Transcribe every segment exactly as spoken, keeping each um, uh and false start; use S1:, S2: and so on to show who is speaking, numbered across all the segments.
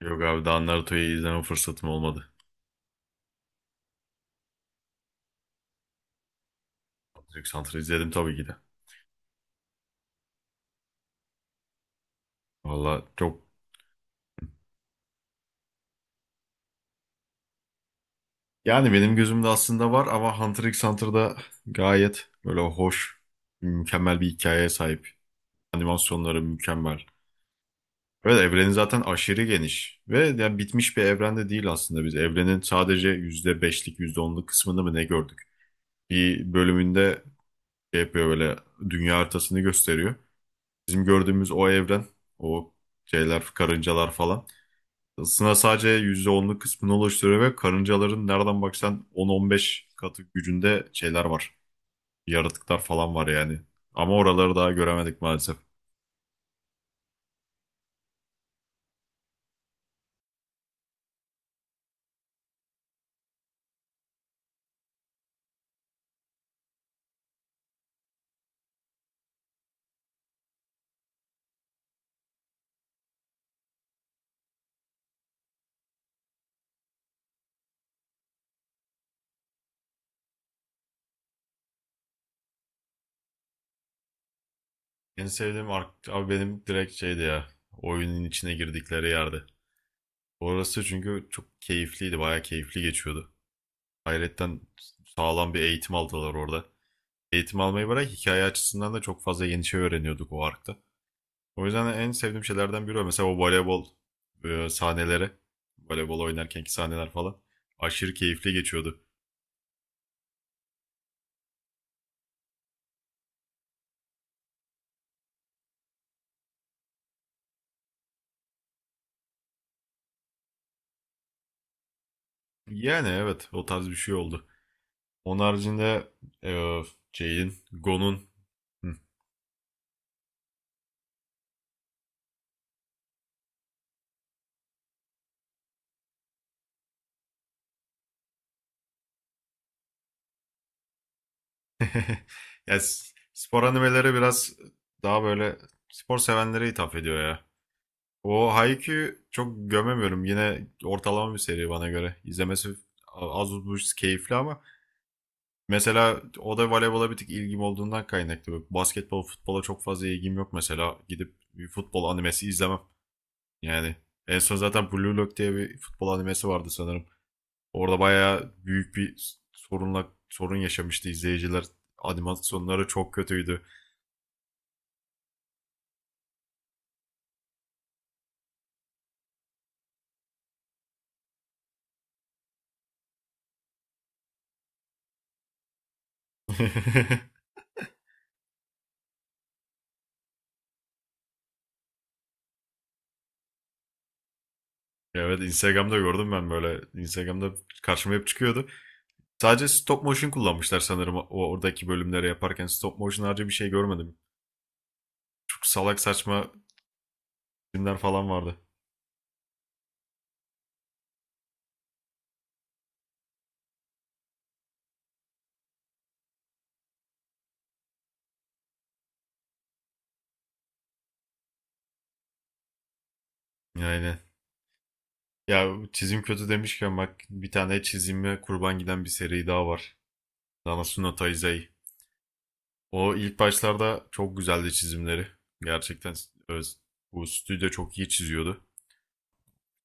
S1: Yok abi daha Naruto'yu izleme fırsatım olmadı. Hunter x Hunter'ı izledim tabii ki de. Valla çok yani benim gözümde aslında var ama Hunter x Hunter'da gayet böyle hoş, mükemmel bir hikayeye sahip. Animasyonları mükemmel. Evet evreni zaten aşırı geniş ve yani bitmiş bir evrende değil aslında biz. Evrenin sadece yüzde beşlik yüzde onluk kısmını mı ne gördük? Bir bölümünde şey yapıyor böyle, dünya haritasını gösteriyor. Bizim gördüğümüz o evren, o şeyler, karıncalar falan. Isına sadece yüzde onluk kısmını oluşturuyor ve karıncaların nereden baksan on on beş katı gücünde şeyler var. Yaratıklar falan var yani. Ama oraları daha göremedik maalesef. En sevdiğim ark abi benim direkt şeydi ya. Oyunun içine girdikleri yerde. Orası çünkü çok keyifliydi. Bayağı keyifli geçiyordu. Hayretten sağlam bir eğitim aldılar orada. Eğitim almayı bırak, hikaye açısından da çok fazla yeni şey öğreniyorduk o arkta. O yüzden de en sevdiğim şeylerden biri o. Mesela o voleybol e, sahneleri. Voleybol oynarkenki sahneler falan. Aşırı keyifli geçiyordu. Yani evet, o tarz bir şey oldu. Onun haricinde e, şeyin, Gon'un Hı. Ya, s- spor animeleri biraz daha böyle spor sevenlere hitap ediyor ya. O Haikyuu çok gömemiyorum. Yine ortalama bir seri bana göre. İzlemesi az buz keyifli ama mesela o da voleybola bir tık ilgim olduğundan kaynaklı. Bak, basketbol, futbola çok fazla ilgim yok mesela. Gidip bir futbol animesi izlemem. Yani en son zaten Blue Lock diye bir futbol animesi vardı sanırım. Orada bayağı büyük bir sorunla sorun yaşamıştı izleyiciler. Animasyonları çok kötüydü. Ya evet, Instagram'da gördüm ben böyle. Instagram'da karşıma hep çıkıyordu. Sadece stop motion kullanmışlar sanırım o oradaki bölümleri yaparken. Stop motion harcı bir şey görmedim. Çok salak saçma filmler falan vardı. Yani ya, çizim kötü demişken bak, bir tane çizime kurban giden bir seri daha var. Nanatsu no Taizai. O ilk başlarda çok güzeldi çizimleri. Gerçekten öz, bu stüdyo çok iyi çiziyordu.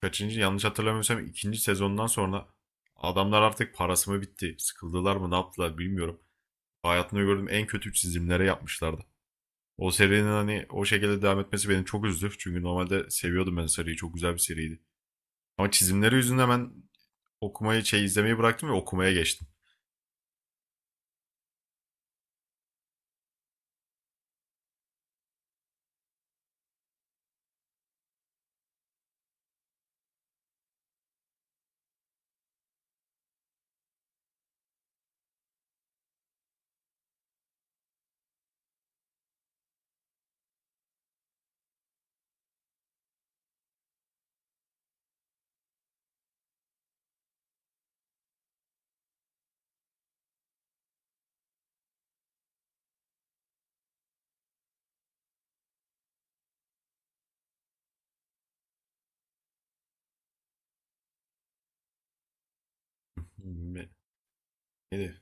S1: Kaçıncı, yanlış hatırlamıyorsam ikinci sezondan sonra adamlar artık parası mı bitti, sıkıldılar mı, ne yaptılar bilmiyorum. Hayatımda gördüğüm en kötü çizimlere yapmışlardı. O serinin hani o şekilde devam etmesi beni çok üzdü. Çünkü normalde seviyordum ben seriyi. Çok güzel bir seriydi. Ama çizimleri yüzünden ben okumayı, şey izlemeyi bıraktım ve okumaya geçtim. Hmm, Me- neydi?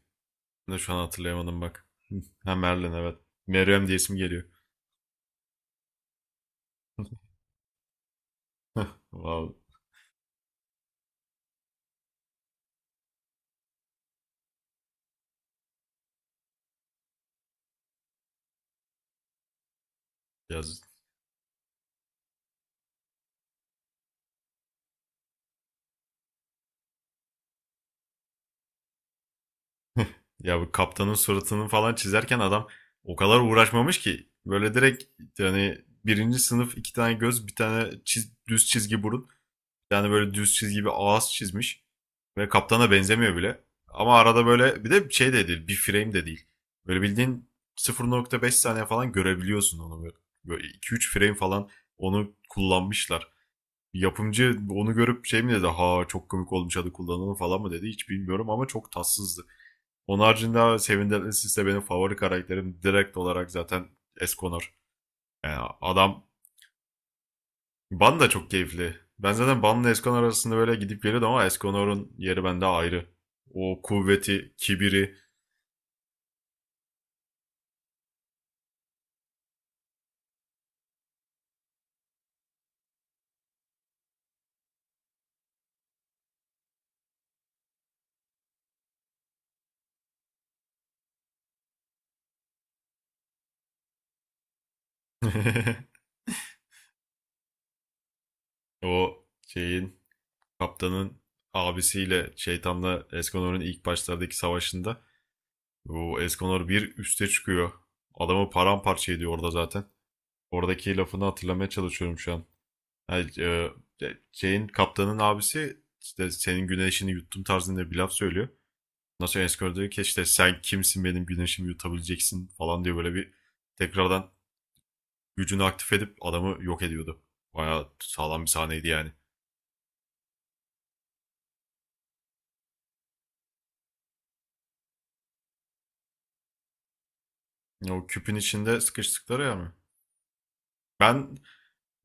S1: Ben de şu an hatırlayamadım bak. Ha, Merlin, evet. Meryem diye isim geliyor. Wow. Biraz ya, bu kaptanın suratını falan çizerken adam o kadar uğraşmamış ki böyle direkt, yani birinci sınıf, iki tane göz, bir tane çiz- düz çizgi burun, yani böyle düz çizgi bir ağız çizmiş ve kaptana benzemiyor bile. Ama arada böyle, bir de şey de değil, bir frame de değil. Böyle bildiğin sıfır nokta beş saniye falan görebiliyorsun onu böyle. Böyle iki üç frame falan onu kullanmışlar. Yapımcı onu görüp şey mi dedi, ha çok komik olmuş hadi kullanalım falan mı dedi, hiç bilmiyorum ama çok tatsızdı. Onun haricinde Sevindirlis benim favori karakterim direkt olarak, zaten Esconor. Yani adam Ban da çok keyifli. Ben zaten Ban'la Esconor arasında böyle gidip geliyordum ama Esconor'un yeri bende ayrı. O kuvveti, kibiri, o şeyin, kaptanın abisiyle, şeytanla Esconor'un ilk başlardaki savaşında bu Esconor bir üste çıkıyor. Adamı paramparça ediyor orada zaten. Oradaki lafını hatırlamaya çalışıyorum şu an. Hani, e, şeyin kaptanın abisi işte senin güneşini yuttum tarzında bir laf söylüyor. Ondan sonra Eskor diyor ki işte sen kimsin benim güneşimi yutabileceksin falan diye, böyle bir tekrardan gücünü aktif edip adamı yok ediyordu. Bayağı sağlam bir sahneydi yani. O küpün içinde sıkıştıkları yani. Ben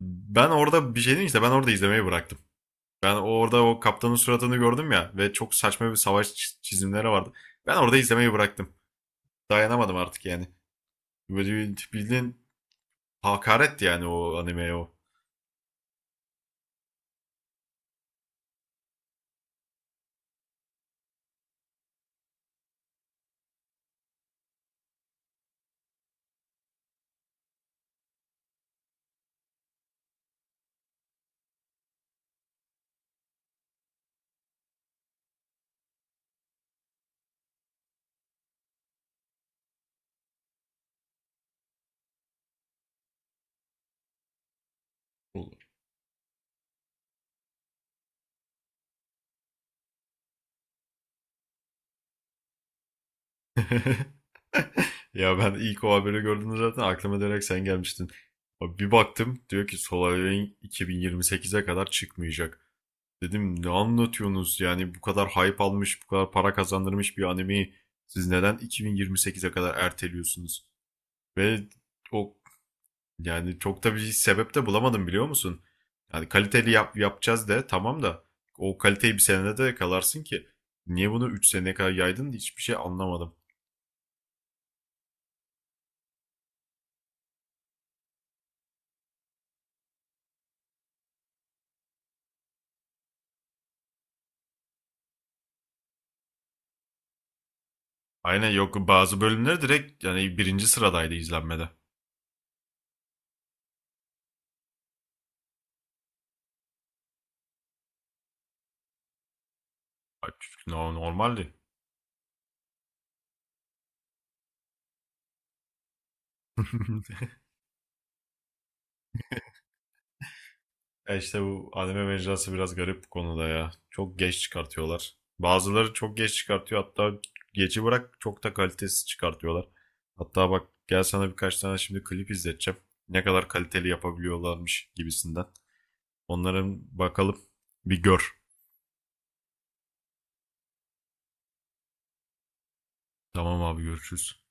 S1: ben orada bir şey diyeyim, işte ben orada izlemeyi bıraktım. Ben orada o kaptanın suratını gördüm ya ve çok saçma bir savaş çiz- çizimleri vardı. Ben orada izlemeyi bıraktım. Dayanamadım artık yani. Böyle bildiğin, hakaret yani o animeye o. Olur. Ya ben ilk o haberi gördüğümde zaten aklıma direkt sen gelmiştin. Abi bir baktım diyor ki Solar Wing iki bin yirmi sekize kadar çıkmayacak. Dedim ne anlatıyorsunuz, yani bu kadar hype almış, bu kadar para kazandırmış bir animeyi siz neden iki bin yirmi sekize kadar erteliyorsunuz? Ve o, yani çok da bir sebep de bulamadım, biliyor musun? Yani kaliteli yap, yapacağız de, tamam da o kaliteyi bir senede de yakalarsın ki. Niye bunu üç seneye kadar yaydın, hiçbir şey anlamadım. Aynen, yok bazı bölümler direkt yani birinci sıradaydı izlenmede. Ay, no- normaldi. E işte bu anime mecrası biraz garip bu konuda ya. Çok geç çıkartıyorlar. Bazıları çok geç çıkartıyor. Hatta geçi bırak, çok da kalitesiz çıkartıyorlar. Hatta bak, gel sana birkaç tane şimdi klip izleteceğim. Ne kadar kaliteli yapabiliyorlarmış gibisinden. Onların bakalım bir gör. Tamam abi, görüşürüz.